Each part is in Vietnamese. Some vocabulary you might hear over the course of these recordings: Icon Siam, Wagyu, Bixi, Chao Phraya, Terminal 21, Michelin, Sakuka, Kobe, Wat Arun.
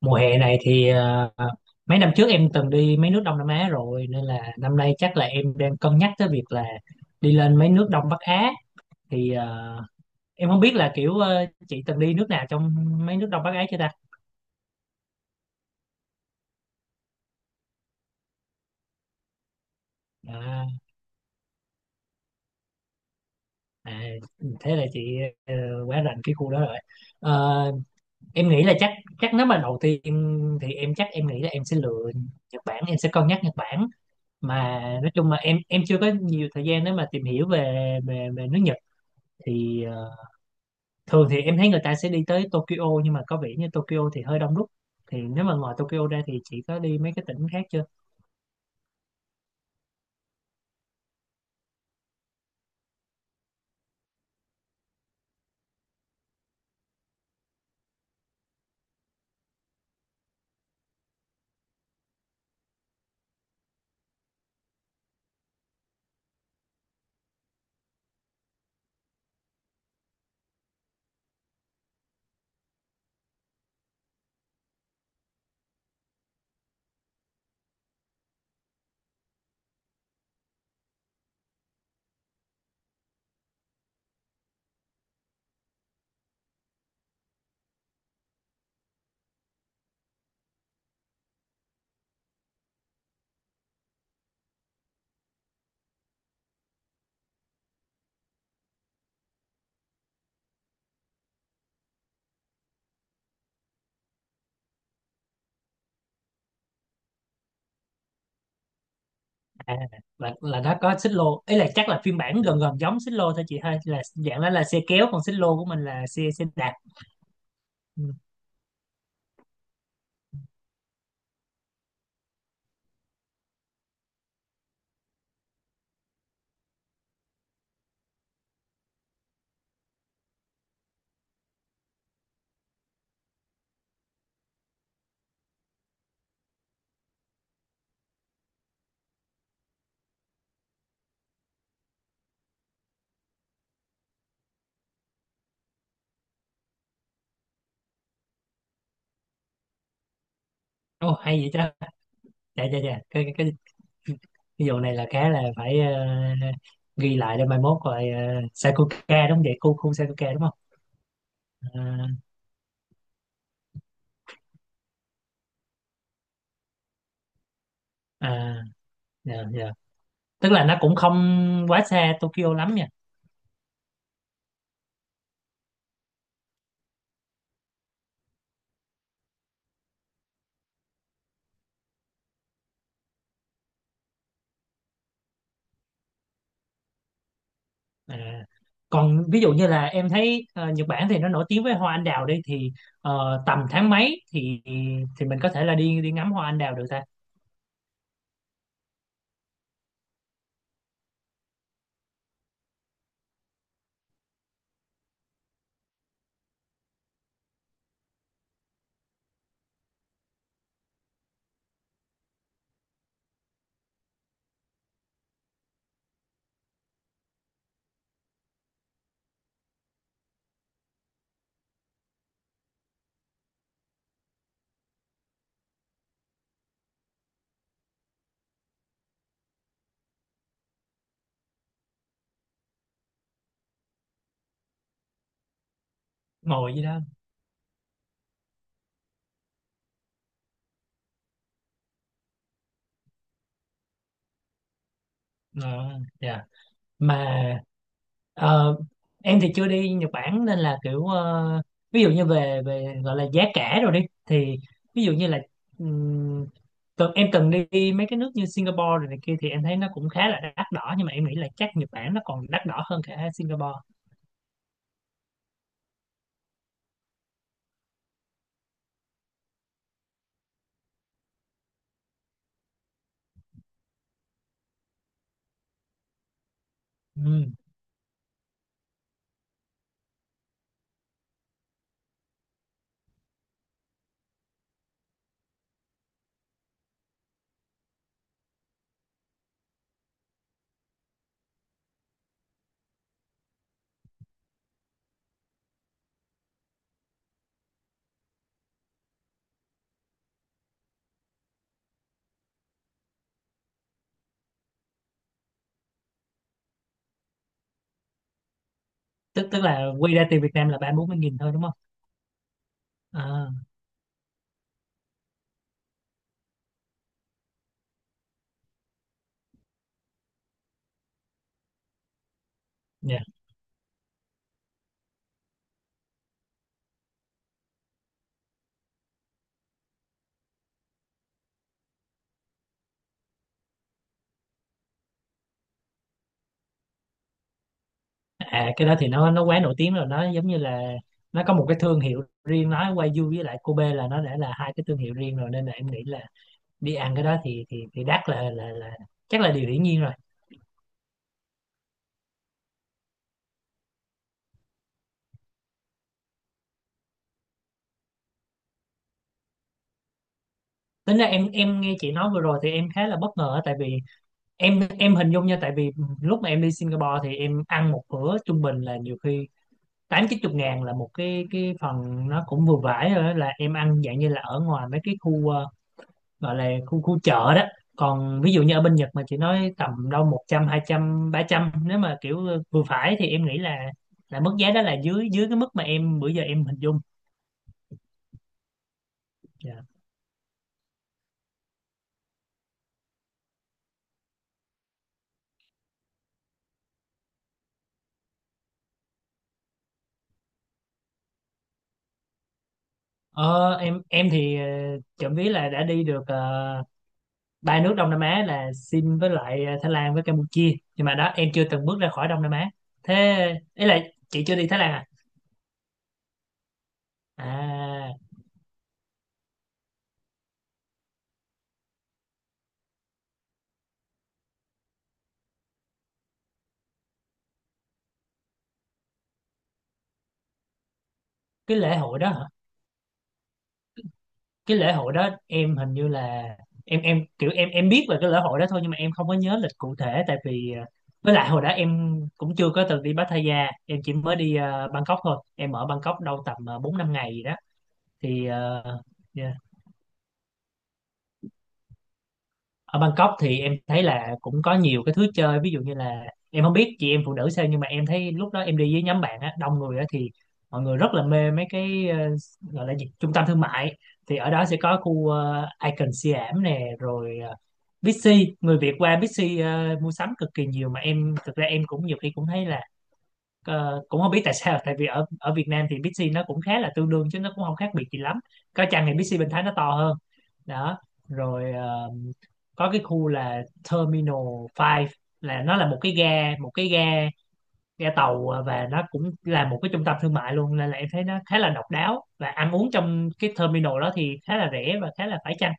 Mùa hè này thì mấy năm trước em từng đi mấy nước Đông Nam Á rồi, nên là năm nay chắc là em đang cân nhắc tới việc là đi lên mấy nước Đông Bắc Á. Thì em không biết là kiểu chị từng đi nước nào trong mấy nước Đông Bắc Á chưa ta. À, à, thế là chị ờ, quá rành cái khu đó rồi. Ờ, em nghĩ là chắc, nếu mà đầu tiên thì em chắc em nghĩ là em sẽ lựa Nhật Bản, em sẽ cân nhắc Nhật Bản. Mà nói chung mà em chưa có nhiều thời gian để mà tìm hiểu về về nước Nhật. Thì thường thì em thấy người ta sẽ đi tới Tokyo, nhưng mà có vẻ như Tokyo thì hơi đông đúc. Thì nếu mà ngoài Tokyo ra thì chị có đi mấy cái tỉnh khác chưa? À, là nó có xích lô ấy, là chắc là phiên bản gần gần giống xích lô thôi chị ha, là dạng đó là xe kéo, còn xích lô của mình là xe xe đạp. Ừ. Ồ hay vậy ta. Dạ dạ dạ, cái vụ này là khá là phải ghi lại để mai mốt rồi, Sakuka đúng không vậy, khu khu Sakuka đúng không? À, à, dạ, dạ. Tức là nó cũng không quá xa Tokyo lắm nhỉ. À, còn ví dụ như là em thấy Nhật Bản thì nó nổi tiếng với hoa anh đào đi, thì tầm tháng mấy thì mình có thể là đi đi ngắm hoa anh đào được ta? Ngồi gì đó. Ờ, dạ. Mà ờ, em thì chưa đi Nhật Bản, nên là kiểu ví dụ như về về gọi là giá cả rồi đi, thì ví dụ như là ừm, em cần đi mấy cái nước như Singapore rồi này kia, thì em thấy nó cũng khá là đắt đỏ, nhưng mà em nghĩ là chắc Nhật Bản nó còn đắt đỏ hơn cả Singapore. Tức tức là quy ra tiền Việt Nam là 30 40 nghìn thôi đúng không? À, dạ. À cái đó thì nó quá nổi tiếng rồi, nó giống như là nó có một cái thương hiệu riêng, nói Wagyu với lại Kobe là nó đã là hai cái thương hiệu riêng rồi. Nên là em nghĩ là đi ăn cái đó thì đắt là chắc là điều hiển nhiên rồi. Tính ra em nghe chị nói vừa rồi thì em khá là bất ngờ á, tại vì em hình dung nha, tại vì lúc mà em đi Singapore thì em ăn một bữa trung bình là nhiều khi 8 9 chục ngàn là một cái, phần nó cũng vừa vải rồi đó, là em ăn dạng như là ở ngoài mấy cái khu gọi là khu khu chợ đó. Còn ví dụ như ở bên Nhật mà chị nói tầm đâu 100 200 300 nếu mà kiểu vừa phải, thì em nghĩ là mức giá đó là dưới dưới cái mức mà em bữa giờ em hình dung. Dạ. Ờ, em thì trộm vía là đã đi được ba nước Đông Nam Á là Sin với lại Thái Lan với Campuchia, nhưng mà đó em chưa từng bước ra khỏi Đông Nam Á. Thế ý là chị chưa đi Thái Lan à? À cái lễ hội đó cái lễ hội đó em hình như là em kiểu em biết về cái lễ hội đó thôi, nhưng mà em không có nhớ lịch cụ thể tại vì với lại hồi đó em cũng chưa có từng đi Pattaya, em chỉ mới đi Bangkok thôi. Em ở Bangkok đâu tầm 4 5 ngày gì đó. Thì yeah. Ở Bangkok thì em thấy là cũng có nhiều cái thứ chơi, ví dụ như là em không biết chị em phụ nữ sao, nhưng mà em thấy lúc đó em đi với nhóm bạn á, đông người á, thì mọi người rất là mê mấy cái gọi là gì, trung tâm thương mại. Thì ở đó sẽ có khu Icon Siam nè, rồi Bixi, người Việt qua Bixi mua sắm cực kỳ nhiều. Mà em thực ra em cũng nhiều khi cũng thấy là cũng không biết tại sao, tại vì ở ở Việt Nam thì Bixi nó cũng khá là tương đương chứ nó cũng không khác biệt gì lắm. Có chăng thì Bixi Bình Thái nó to hơn đó. Rồi có cái khu là Terminal 5, là nó là một cái ga, tàu, và nó cũng là một cái trung tâm thương mại luôn, nên là em thấy nó khá là độc đáo, và ăn uống trong cái terminal đó thì khá là rẻ và khá là phải chăng.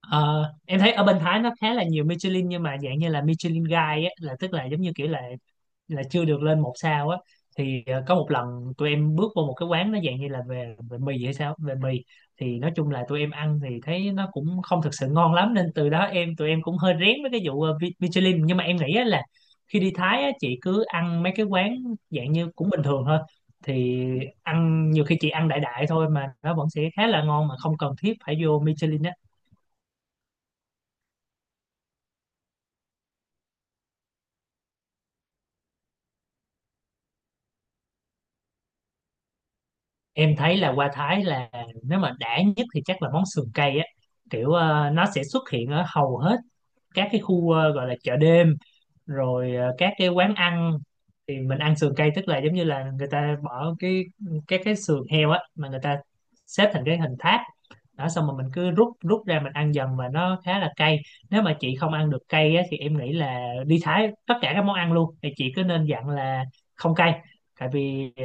Ờ, em thấy ở bên Thái nó khá là nhiều Michelin, nhưng mà dạng như là Michelin Guide á, là tức là giống như kiểu là chưa được lên một sao á. Thì có một lần tụi em bước vô một cái quán, nó dạng như là về về mì hay sao về mì, thì nói chung là tụi em ăn thì thấy nó cũng không thực sự ngon lắm, nên từ đó em tụi em cũng hơi rén với cái vụ Michelin. Nhưng mà em nghĩ á là khi đi Thái á, chị cứ ăn mấy cái quán dạng như cũng bình thường thôi, thì ăn nhiều khi chị ăn đại đại thôi mà nó vẫn sẽ khá là ngon, mà không cần thiết phải vô Michelin á. Em thấy là qua Thái là nếu mà đã nhất thì chắc là món sườn cây á. Kiểu nó sẽ xuất hiện ở hầu hết các cái khu gọi là chợ đêm, rồi các cái quán ăn. Thì mình ăn sườn cây tức là giống như là người ta bỏ cái các cái sườn heo á, mà người ta xếp thành cái hình tháp đó, xong rồi mình cứ rút rút ra mình ăn dần, và nó khá là cay. Nếu mà chị không ăn được cay á, thì em nghĩ là đi Thái tất cả các món ăn luôn thì chị cứ nên dặn là không cay, tại vì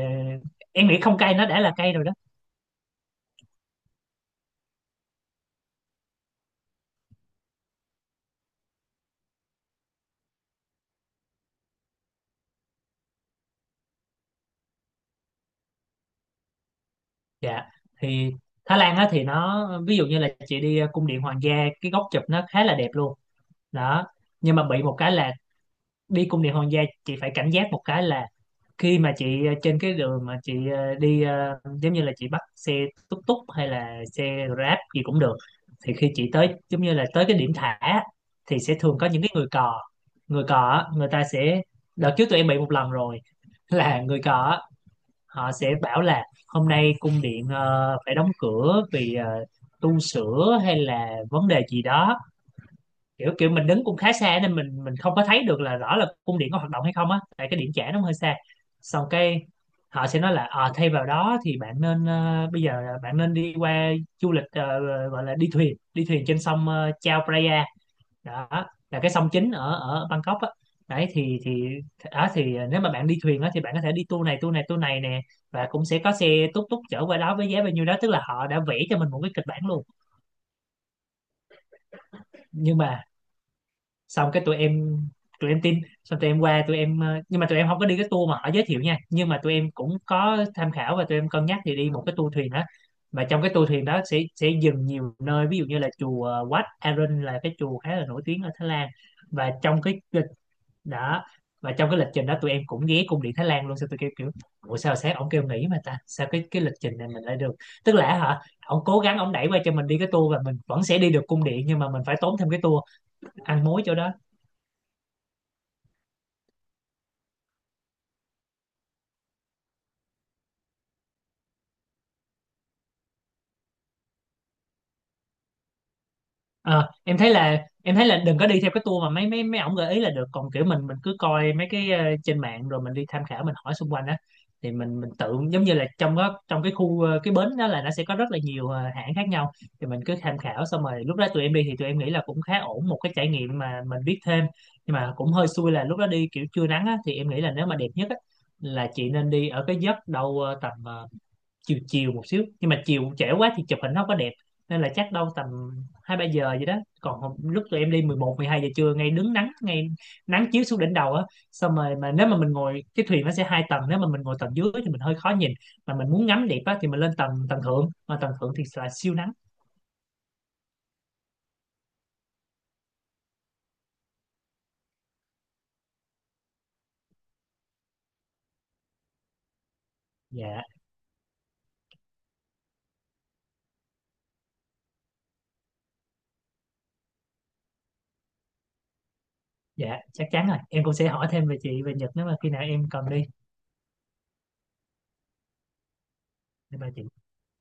em nghĩ không cay nó đã là cay rồi đó. Dạ, thì Thái Lan á, thì nó ví dụ như là chị đi cung điện hoàng gia, cái góc chụp nó khá là đẹp luôn đó. Nhưng mà bị một cái là đi cung điện hoàng gia chị phải cảnh giác một cái là khi mà chị trên cái đường mà chị đi giống như là chị bắt xe túc túc hay là xe Grab gì cũng được, thì khi chị tới giống như là tới cái điểm thả á, thì sẽ thường có những cái người cò. Người cò á, người ta sẽ, đợt trước tụi em bị một lần rồi, là người cò á, họ sẽ bảo là hôm nay cung điện phải đóng cửa vì tu sửa hay là vấn đề gì đó. Kiểu Kiểu mình đứng cũng khá xa nên mình không có thấy được là rõ là cung điện có hoạt động hay không á, tại cái điểm chạm nó hơi xa. Xong cái họ sẽ nói là thay vào đó thì bạn nên, bây giờ là bạn nên đi qua du lịch gọi là đi thuyền, trên sông Chao Phraya, đó là cái sông chính ở ở Bangkok á. Đấy thì đó thì nếu mà bạn đi thuyền á thì bạn có thể đi tour này tour này tour này nè, và cũng sẽ có xe túc túc chở qua đó với giá bao nhiêu đó, tức là họ đã vẽ cho mình một cái kịch bản luôn. Nhưng mà xong cái tụi em, tin xong tụi em qua tụi em nhưng mà tụi em không có đi cái tour mà họ giới thiệu nha, nhưng mà tụi em cũng có tham khảo và tụi em cân nhắc thì đi một cái tour thuyền đó. Mà trong cái tour thuyền đó sẽ dừng nhiều nơi, ví dụ như là chùa Wat Arun là cái chùa khá là nổi tiếng ở Thái Lan. Và đó trong cái lịch trình đó tụi em cũng ghé cung điện Thái Lan luôn. Sao tụi kêu kiểu ủa sao sáng ổng kêu nghỉ mà ta, sao cái lịch trình này mình lại được? Tức là hả, ổng cố gắng ổng đẩy qua cho mình đi cái tour và mình vẫn sẽ đi được cung điện, nhưng mà mình phải tốn thêm cái tour ăn mối chỗ đó. Ờ, em thấy là đừng có đi theo cái tour mà mấy mấy mấy ổng gợi ý là được. Còn kiểu mình cứ coi mấy cái trên mạng rồi mình đi tham khảo, mình hỏi xung quanh á, thì mình tự giống như là trong đó, trong cái khu cái bến đó là nó sẽ có rất là nhiều hãng khác nhau. Thì mình cứ tham khảo xong rồi lúc đó tụi em đi thì tụi em nghĩ là cũng khá ổn, một cái trải nghiệm mà mình biết thêm. Nhưng mà cũng hơi xui là lúc đó đi kiểu trưa nắng á, thì em nghĩ là nếu mà đẹp nhất á là chị nên đi ở cái giấc đâu tầm chiều chiều một xíu. Nhưng mà chiều trễ quá thì chụp hình nó không có đẹp, nên là chắc đâu tầm 2 3 giờ vậy đó. Còn lúc tụi em đi 11 12 giờ trưa ngay đứng nắng, ngay nắng chiếu xuống đỉnh đầu á. Xong rồi mà nếu mà mình ngồi cái thuyền nó sẽ hai tầng, nếu mà mình ngồi tầng dưới thì mình hơi khó nhìn, mà mình muốn ngắm đẹp á thì mình lên tầng tầng thượng, mà tầng thượng thì là siêu nắng. Dạ, dạ chắc chắn rồi, em cũng sẽ hỏi thêm về chị về Nhật nếu mà khi nào em cần đi, để bà chị